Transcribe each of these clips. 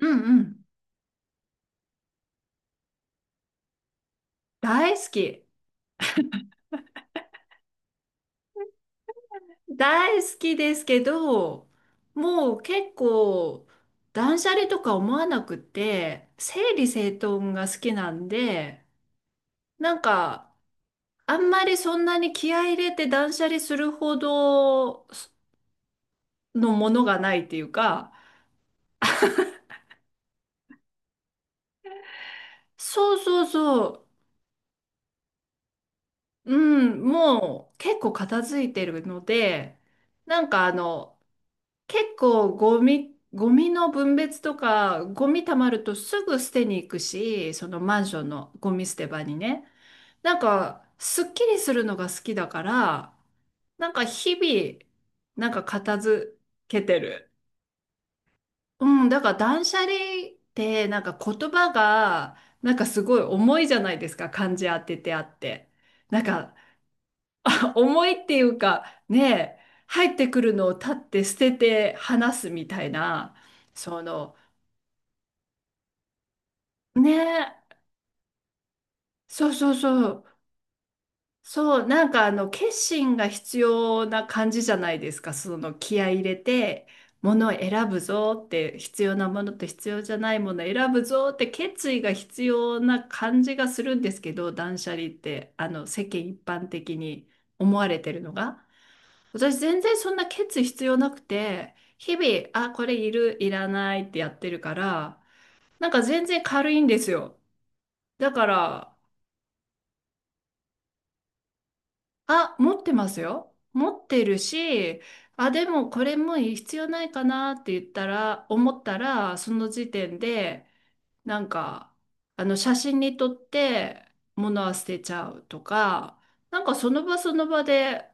うんうん。大好き。大好きですけど、もう結構、断捨離とか思わなくて、整理整頓が好きなんで、なんか、あんまりそんなに気合い入れて断捨離するほどのものがないっていうか、そうそうそう、うん、もう結構片付いてるので、なんかあの、結構ゴミの分別とか、ゴミ溜まるとすぐ捨てに行くし、そのマンションのゴミ捨て場にね。なんか、すっきりするのが好きだから、なんか日々、なんか片付けてる。うん、だから断捨離ってなんか言葉がなんかすごい重いじゃないですか、漢字当ててあって。なんか重いっていうか、ねえ、入ってくるのを立って捨てて話すみたいな、その、ねえ、そうそうそう、そう、決心が必要な感じじゃないですか、その気合い入れて、ものを選ぶぞって、必要なものと必要じゃないものを選ぶぞって決意が必要な感じがするんですけど、断捨離って、あの、世間一般的に思われてるのが。私全然そんなケツ必要なくて、日々、あ、これいる、いらないってやってるから、なんか全然軽いんですよ。だから、あ、持ってますよ。持ってるし、あ、でもこれも必要ないかなって言ったら、思ったら、その時点で、なんか、写真に撮って物は捨てちゃうとか、なんかその場その場で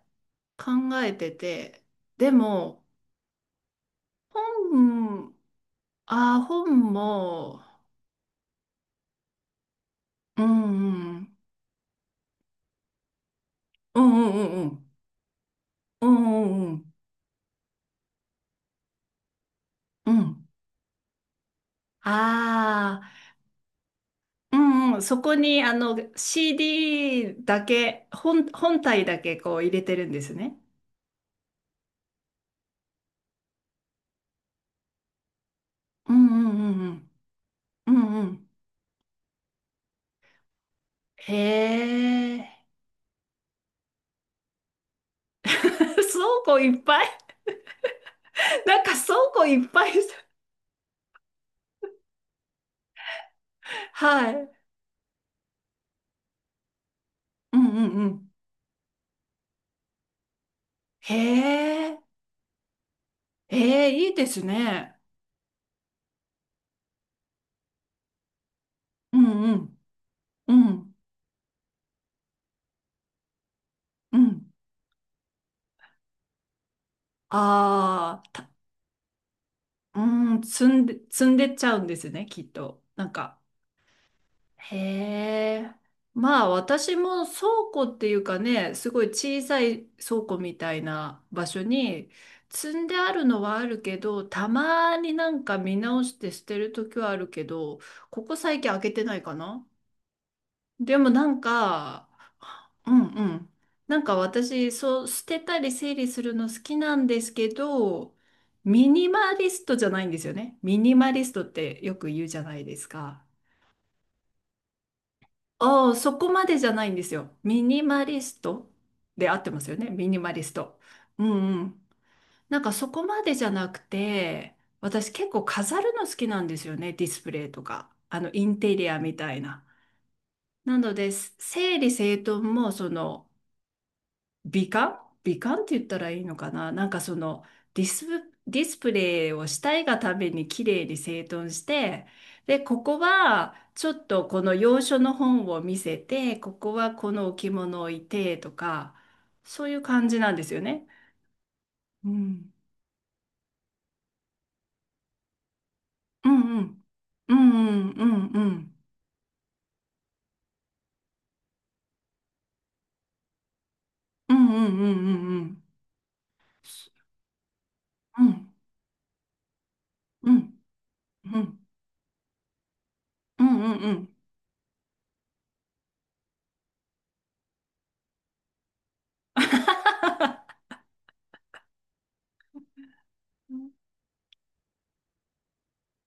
考えてて、でも、うん、ああ、本も、うんうん、うんうんうん、うんうんうん、うん。ああ、うんうん、そこにあの CD だけ、本体だけこう入れてるんですね。うんうんうんうん、うんうん。へえ、倉庫いっぱい、なんか倉庫いっぱい、はい。うんうんうん。へえ、へえ、いいですね。うんうん、うんうん。ああ。うーん、積んでっちゃうんですね、きっと。なんか、へえ。まあ私も倉庫っていうかね、すごい小さい倉庫みたいな場所に積んであるのはあるけど、たまになんか見直して捨てる時はあるけど、ここ最近開けてないかな。でもなんか、うんうん。なんか私、そう、捨てたり整理するの好きなんですけど、ミニマリストじゃないんですよね。ミニマリストってよく言うじゃないですか。ああ、そこまでじゃないんですよ。ミニマリストで合ってますよね。ミニマリスト。うんうん。なんかそこまでじゃなくて、私結構飾るの好きなんですよね。ディスプレイとか、あのインテリアみたいな。なので、整理整頓もその、美観美観って言ったらいいのかな、なんかそのディスプレイをしたいがために綺麗に整頓して、で、ここはちょっとこの洋書の本を見せて、ここはこの置物を置いてとか、そういう感じなんですよね。うん。うんうん。うんうんうんうん。うんうんうんうんうん。うんうんうん うんうんうん。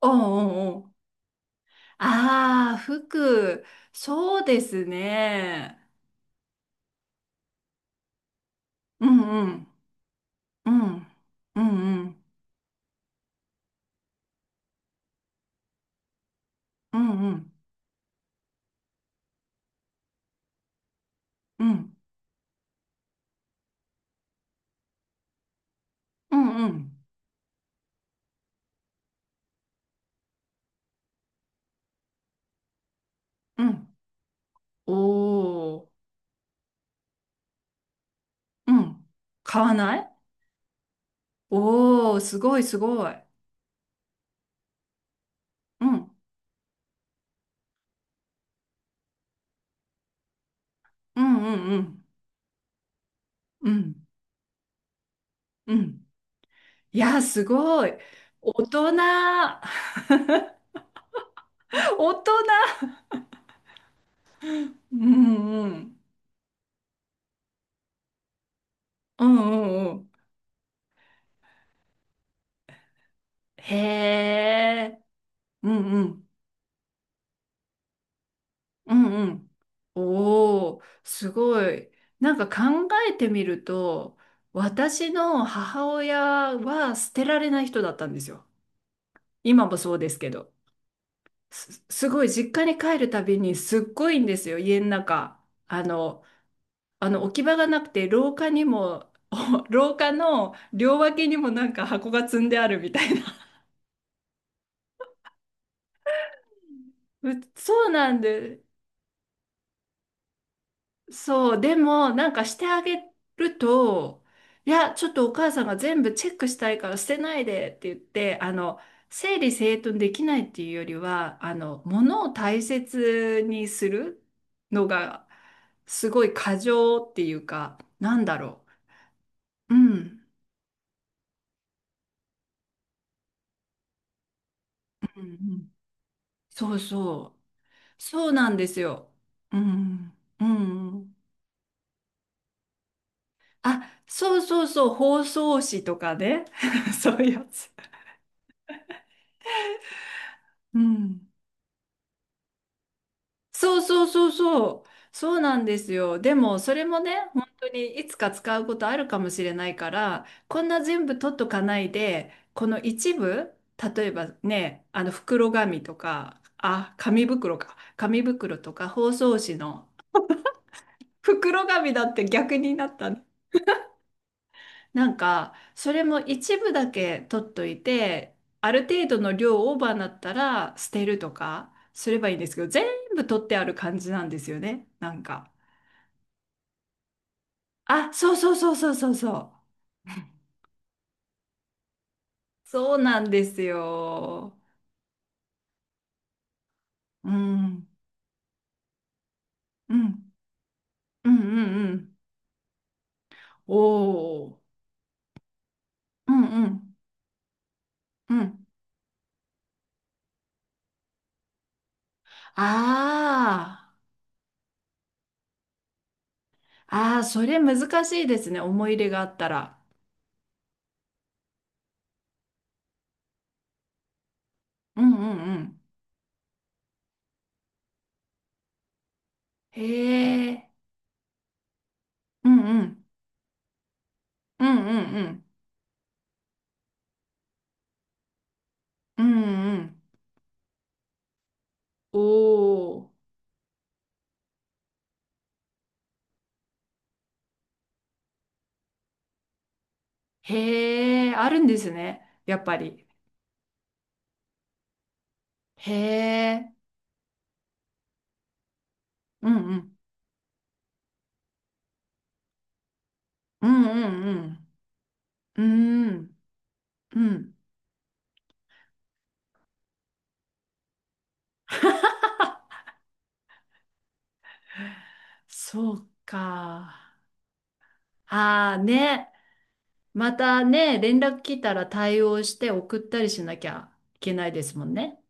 おうおうおう、ああ、服、そうですね。うんうん、うん、うんうん、うんうん、うん、うんうん、うん。おお、うん。買わない。おおー、すごいすごい。うん、うんうんうん、うん、うん。いや、すごい。大人、大人。うんうん、うんうんうん。へえ、うんうん。うんうん。おー、すごい。なんか考えてみると、私の母親は捨てられない人だったんですよ。今もそうですけど。すごい、実家に帰るたびにすっごいんですよ、家の中。あの、あの置き場がなくて、廊下にも、廊下の両脇にもなんか箱が積んであるみたいな。う、そうなんで、そう、でも、なんかしてあげると、いや、ちょっとお母さんが全部チェックしたいから捨てないでって言って、あの、整理整頓できないっていうよりは、あの、物を大切にするのが、すごい過剰っていうか、なんだろう。うん。うんうん、そうそう。そうなんですよ。うん。うん。うん、あ、そうそうそう、包装紙とかね。そういうやつ。うん。そうそうそうそう。そうなんですよ。でも、それもね、本当にいつか使うことあるかもしれないから、こんな全部取っとかないで、この一部、例えばね、あの袋紙とか、あ、紙袋か。紙袋とか包装紙の袋紙だって逆になったね。なんか、それも一部だけ取っといて、ある程度の量オーバーになったら捨てるとかすればいいんですけど、全部取ってある感じなんですよね。なんか。あ、そうそうそうそうそうそう。そうなんですよ。うん、うん、うん、うん、うん。おお、うん、うん、うん。ああ、ああ、それ難しいですね。思い入れがあったら。うん、うん、うん。へえ、うん、うん、うん、うん、うん、うん、うん。おお、へえ、あるんですね。やっぱり。へえ、うん、うん、うん、うん、うん、うん、うん。そうか。ああね。またね、連絡来たら対応して送ったりしなきゃいけないですもんね。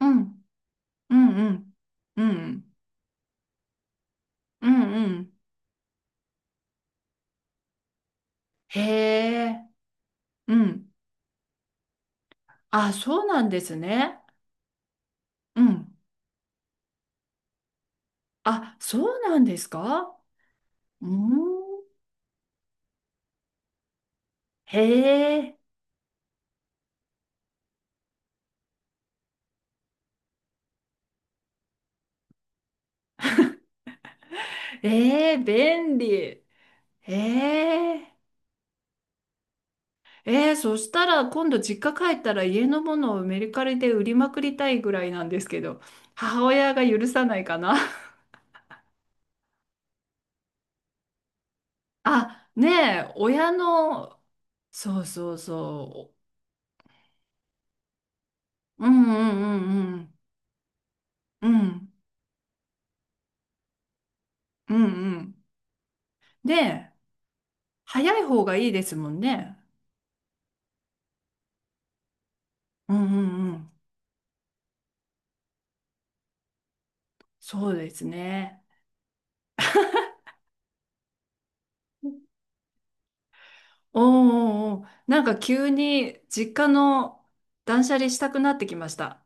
うん、うん、うん、うん、うん、うん、へえ、うん。あ、そうなんですね。うん。あ、そうなんですか。うん。へえ、ええ、便利。へえ。えー、そしたら今度実家帰ったら家のものをメルカリで売りまくりたいぐらいなんですけど、母親が許さないかな。あ、ねえ、親の、そうそうそう、うんうんうんうん、うんうんうん。で、早い方がいいですもんね。うんうんうん、そうですね。おーおーおー、なんか急に実家の断捨離したくなってきました。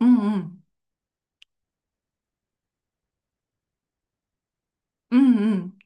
うんうん、うんうん。